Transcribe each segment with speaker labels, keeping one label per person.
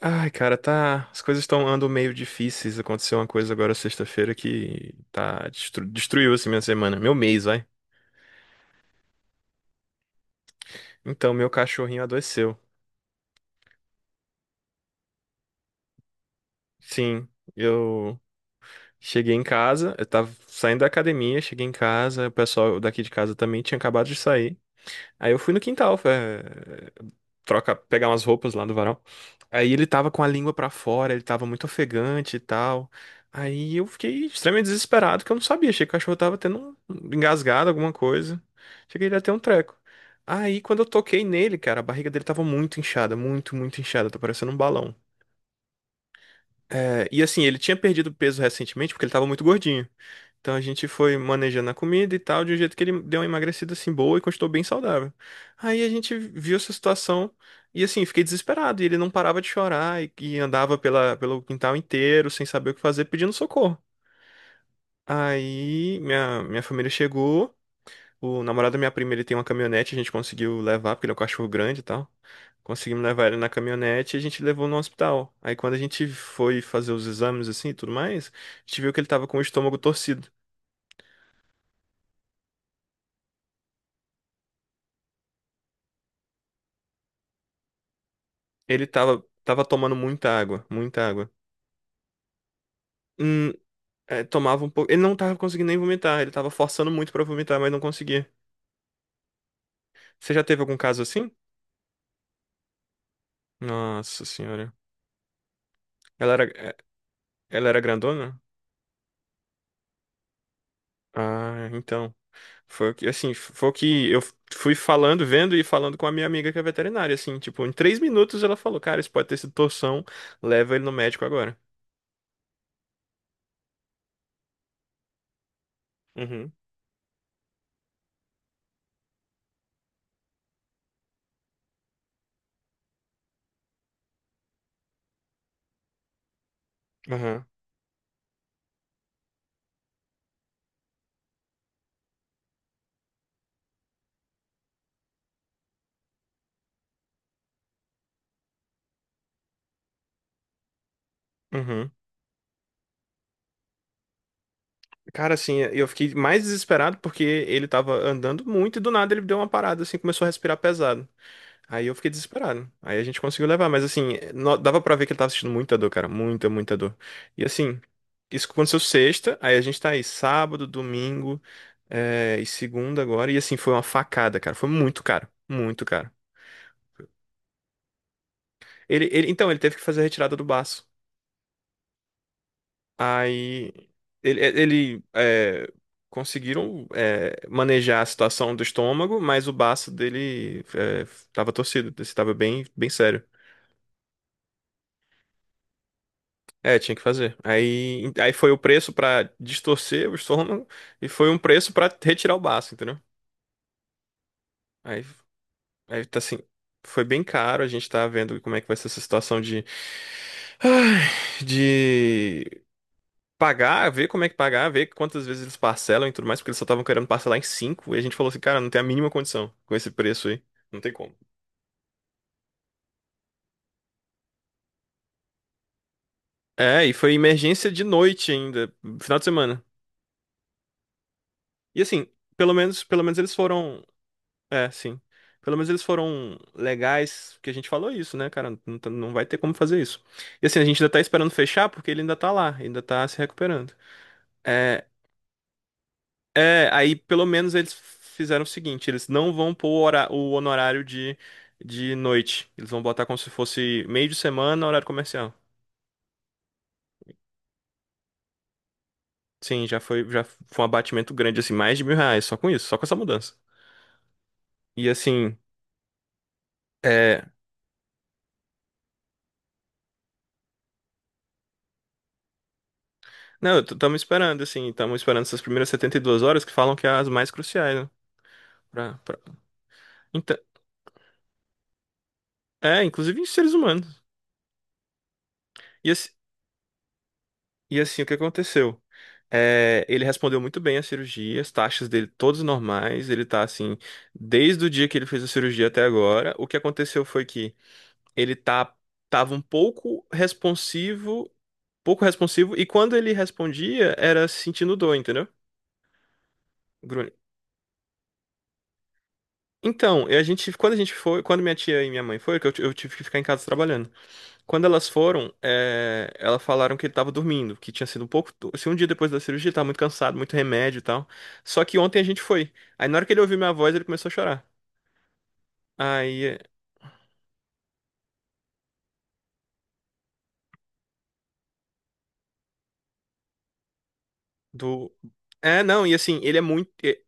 Speaker 1: Ai, cara, tá. As coisas estão andando meio difíceis. Aconteceu uma coisa agora sexta-feira que tá destruiu assim minha semana, meu mês, vai. Então, meu cachorrinho adoeceu. Sim, eu cheguei em casa, eu tava saindo da academia, cheguei em casa, o pessoal daqui de casa também tinha acabado de sair. Aí eu fui no quintal, troca, pegar umas roupas lá do varal. Aí ele tava com a língua pra fora, ele tava muito ofegante e tal. Aí eu fiquei extremamente desesperado, porque eu não sabia, achei que o cachorro tava tendo um engasgado, alguma coisa. Achei que ele ia ter um treco. Aí quando eu toquei nele, cara, a barriga dele tava muito inchada, muito, muito inchada, tá parecendo um balão. É, e assim, ele tinha perdido peso recentemente porque ele tava muito gordinho. Então a gente foi manejando a comida e tal, de um jeito que ele deu uma emagrecida assim boa e continuou bem saudável. Aí a gente viu essa situação e assim, fiquei desesperado. E ele não parava de chorar e andava pelo quintal inteiro sem saber o que fazer, pedindo socorro. Aí minha família chegou, o namorado da minha prima ele tem uma caminhonete, a gente conseguiu levar, porque ele é um cachorro grande e tal. Conseguimos levar ele na caminhonete e a gente levou no hospital. Aí quando a gente foi fazer os exames assim e tudo mais, a gente viu que ele tava com o estômago torcido. Ele tava tomando muita água, muita água. Hum, é, tomava um pouco. Ele não tava conseguindo nem vomitar, ele tava forçando muito pra vomitar, mas não conseguia. Você já teve algum caso assim? Nossa senhora. Ela era, é, ela era grandona? Ah, então. Foi o que eu fui falando, vendo e falando com a minha amiga que é veterinária, assim, tipo, em 3 minutos ela falou, cara, isso pode ter sido torção, leva ele no médico agora. Uhum. Aham. Uhum. Cara, assim, eu fiquei mais desesperado porque ele tava andando muito e do nada ele deu uma parada, assim, começou a respirar pesado. Aí eu fiquei desesperado. Aí a gente conseguiu levar, mas assim, dava pra ver que ele tava sentindo muita dor, cara, muita, muita dor. E assim, isso aconteceu sexta, aí a gente tá aí sábado, domingo, e segunda agora, e assim, foi uma facada, cara, foi muito caro, muito caro. Então, ele teve que fazer a retirada do baço. Aí ele, é, ele, é, conseguiram é, manejar a situação do estômago, mas o baço dele tava torcido, estava bem, bem sério. É, tinha que fazer. Aí, foi o preço pra distorcer o estômago e foi um preço pra retirar o baço, entendeu? Aí, aí, tá assim, foi bem caro. A gente tá vendo como é que vai ser essa situação de pagar, ver como é que pagar, ver quantas vezes eles parcelam e tudo mais, porque eles só estavam querendo parcelar em cinco. E a gente falou assim, cara, não tem a mínima condição com esse preço aí. Não tem como. É, e foi emergência de noite ainda, final de semana. E assim, pelo menos eles foram. É, sim. Pelo menos eles foram legais, que a gente falou isso, né, cara? Não, não vai ter como fazer isso. E assim, a gente ainda tá esperando fechar porque ele ainda tá lá, ainda tá se recuperando. É, É, aí pelo menos eles fizeram o seguinte, eles não vão pôr o honorário de noite. Eles vão botar como se fosse meio de semana, horário comercial. Sim, já foi um abatimento grande, assim, mais de 1.000 reais, só com isso, só com essa mudança. E assim, é. Não, assim, estamos esperando essas primeiras 72 horas que falam que é as mais cruciais, né? Pra, pra... Então, inclusive em seres humanos. E assim, E assim, o que aconteceu? É, ele respondeu muito bem à cirurgia, as taxas dele todas normais, ele tá assim, desde o dia que ele fez a cirurgia até agora. O que aconteceu foi que ele tava um pouco responsivo, e quando ele respondia, era sentindo dor, entendeu? Grunhe. Então, e a gente, quando a gente foi, quando minha tia e minha mãe foram, que eu tive que ficar em casa trabalhando. Quando elas foram, elas falaram que ele tava dormindo, que tinha sido um pouco. Se um dia depois da cirurgia, tava muito cansado, muito remédio e tal. Só que ontem a gente foi. Aí na hora que ele ouviu minha voz, ele começou a chorar. Aí, é, do. É, não, e assim, ele é muito. É,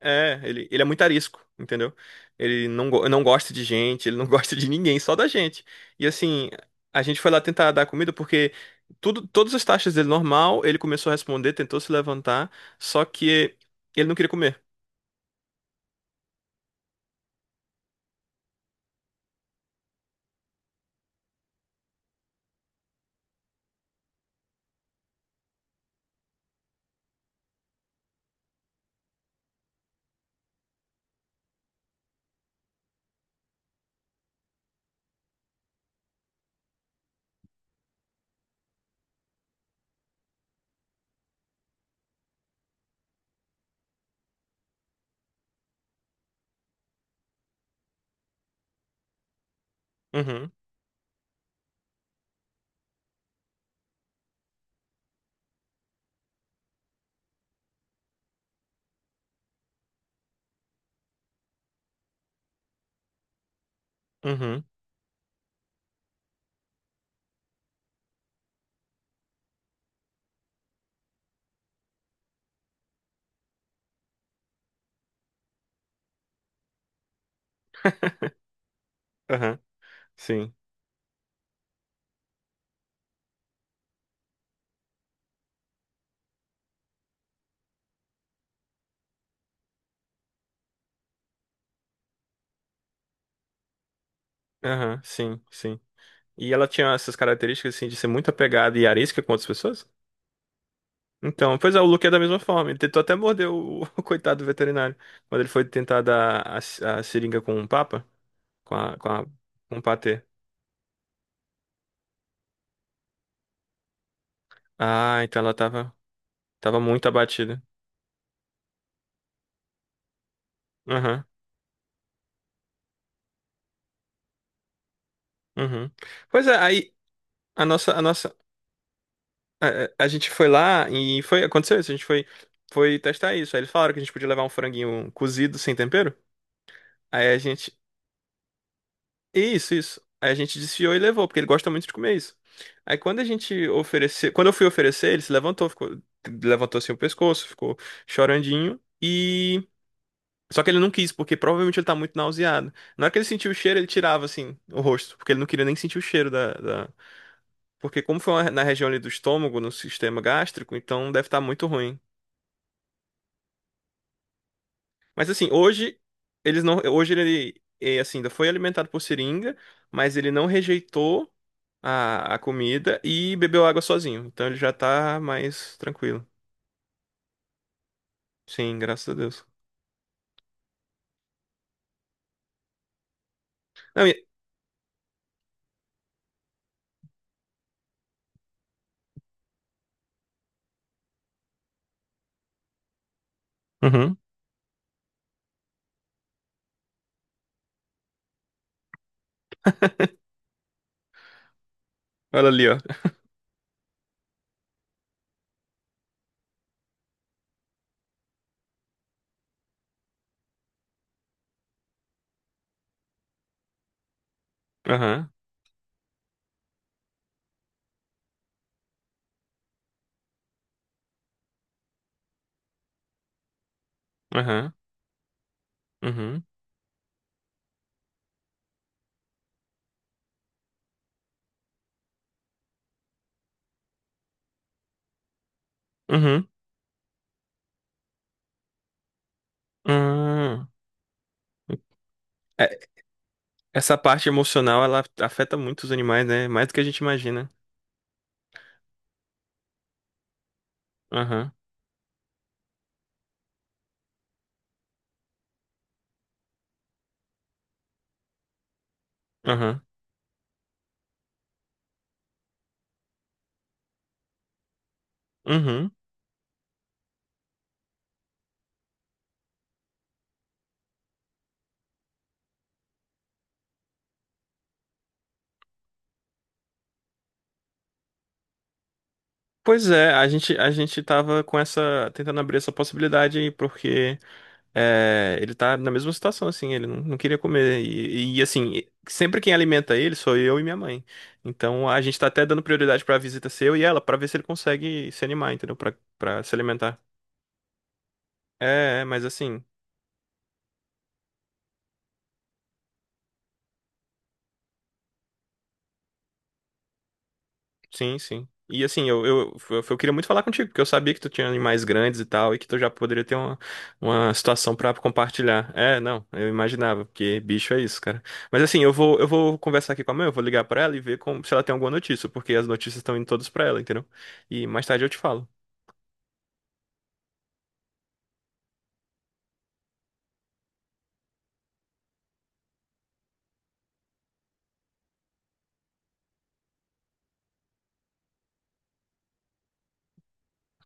Speaker 1: é, ele, ele é muito arisco, entendeu? Ele não gosta de gente, ele não gosta de ninguém, só da gente. E assim, a gente foi lá tentar dar comida porque todas as taxas dele normal, ele começou a responder, tentou se levantar, só que ele não queria comer. Uhum. Uhum. Aham, sim. Aham, sim, sim. E ela tinha essas características, assim, de ser muito apegada e arisca com outras pessoas? Então, pois é, o Luke é da mesma forma. Ele tentou até morder o, o coitado do veterinário. Quando ele foi tentar dar a seringa com o papa, com a, com a, com o patê. Ah, então ela tava muito abatida. Aham. Uhum. Pois é, aí a nossa, a nossa, a, a gente foi lá e foi, aconteceu isso, a gente foi testar isso. Aí eles falaram que a gente podia levar um franguinho cozido sem tempero. Aí a gente Isso, isso. Aí a gente desfiou e levou, porque ele gosta muito de comer isso. Aí quando a gente ofereceu, quando eu fui oferecer, ele se levantou, ficou, levantou assim o pescoço, ficou chorandinho e só que ele não quis, porque provavelmente ele tá muito nauseado. Na hora que ele sentiu o cheiro, ele tirava assim o rosto, porque ele não queria nem sentir o cheiro da. Porque como foi na região ali do estômago, no sistema gástrico, então deve estar muito ruim. Mas assim, hoje ele ainda foi alimentado por seringa, mas ele não rejeitou a comida e bebeu água sozinho. Então ele já tá mais tranquilo. Sim, graças a Deus. Não. Uhum. Olha ali, ó. Aham. Aham. Uhum. Uhum. Uhum. É, essa parte emocional, ela afeta muito os animais, né? Mais do que a gente imagina. Aham. Aham. Uhum. Pois é, a gente tava com essa, tentando abrir essa possibilidade aí, porque ele tá na mesma situação, assim, ele não, não queria comer. E, assim, sempre quem alimenta ele sou eu e minha mãe. Então a gente tá até dando prioridade pra visita ser eu e ela, pra ver se ele consegue se animar, entendeu? Pra se alimentar. É, mas assim. Sim, sim. E assim, eu queria muito falar contigo, porque eu sabia que tu tinha animais grandes e tal, e que tu já poderia ter uma situação pra compartilhar. É, não, eu imaginava, porque bicho é isso, cara. Mas assim, eu vou conversar aqui com a mãe, eu vou ligar pra ela e ver se ela tem alguma notícia, porque as notícias estão indo todas pra ela, entendeu? E mais tarde eu te falo.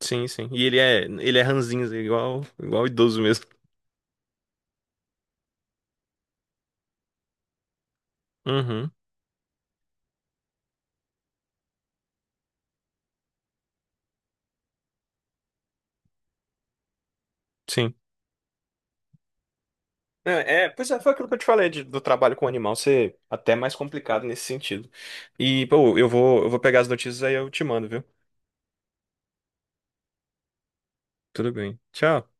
Speaker 1: Sim, sim. E ele é ranzinza, igual, igual idoso mesmo. Uhum, sim. Não, pois é, foi aquilo que eu te falei do trabalho com animal ser até mais complicado nesse sentido. E, pô, eu vou pegar as notícias aí eu te mando, viu? Tudo bem. Tchau.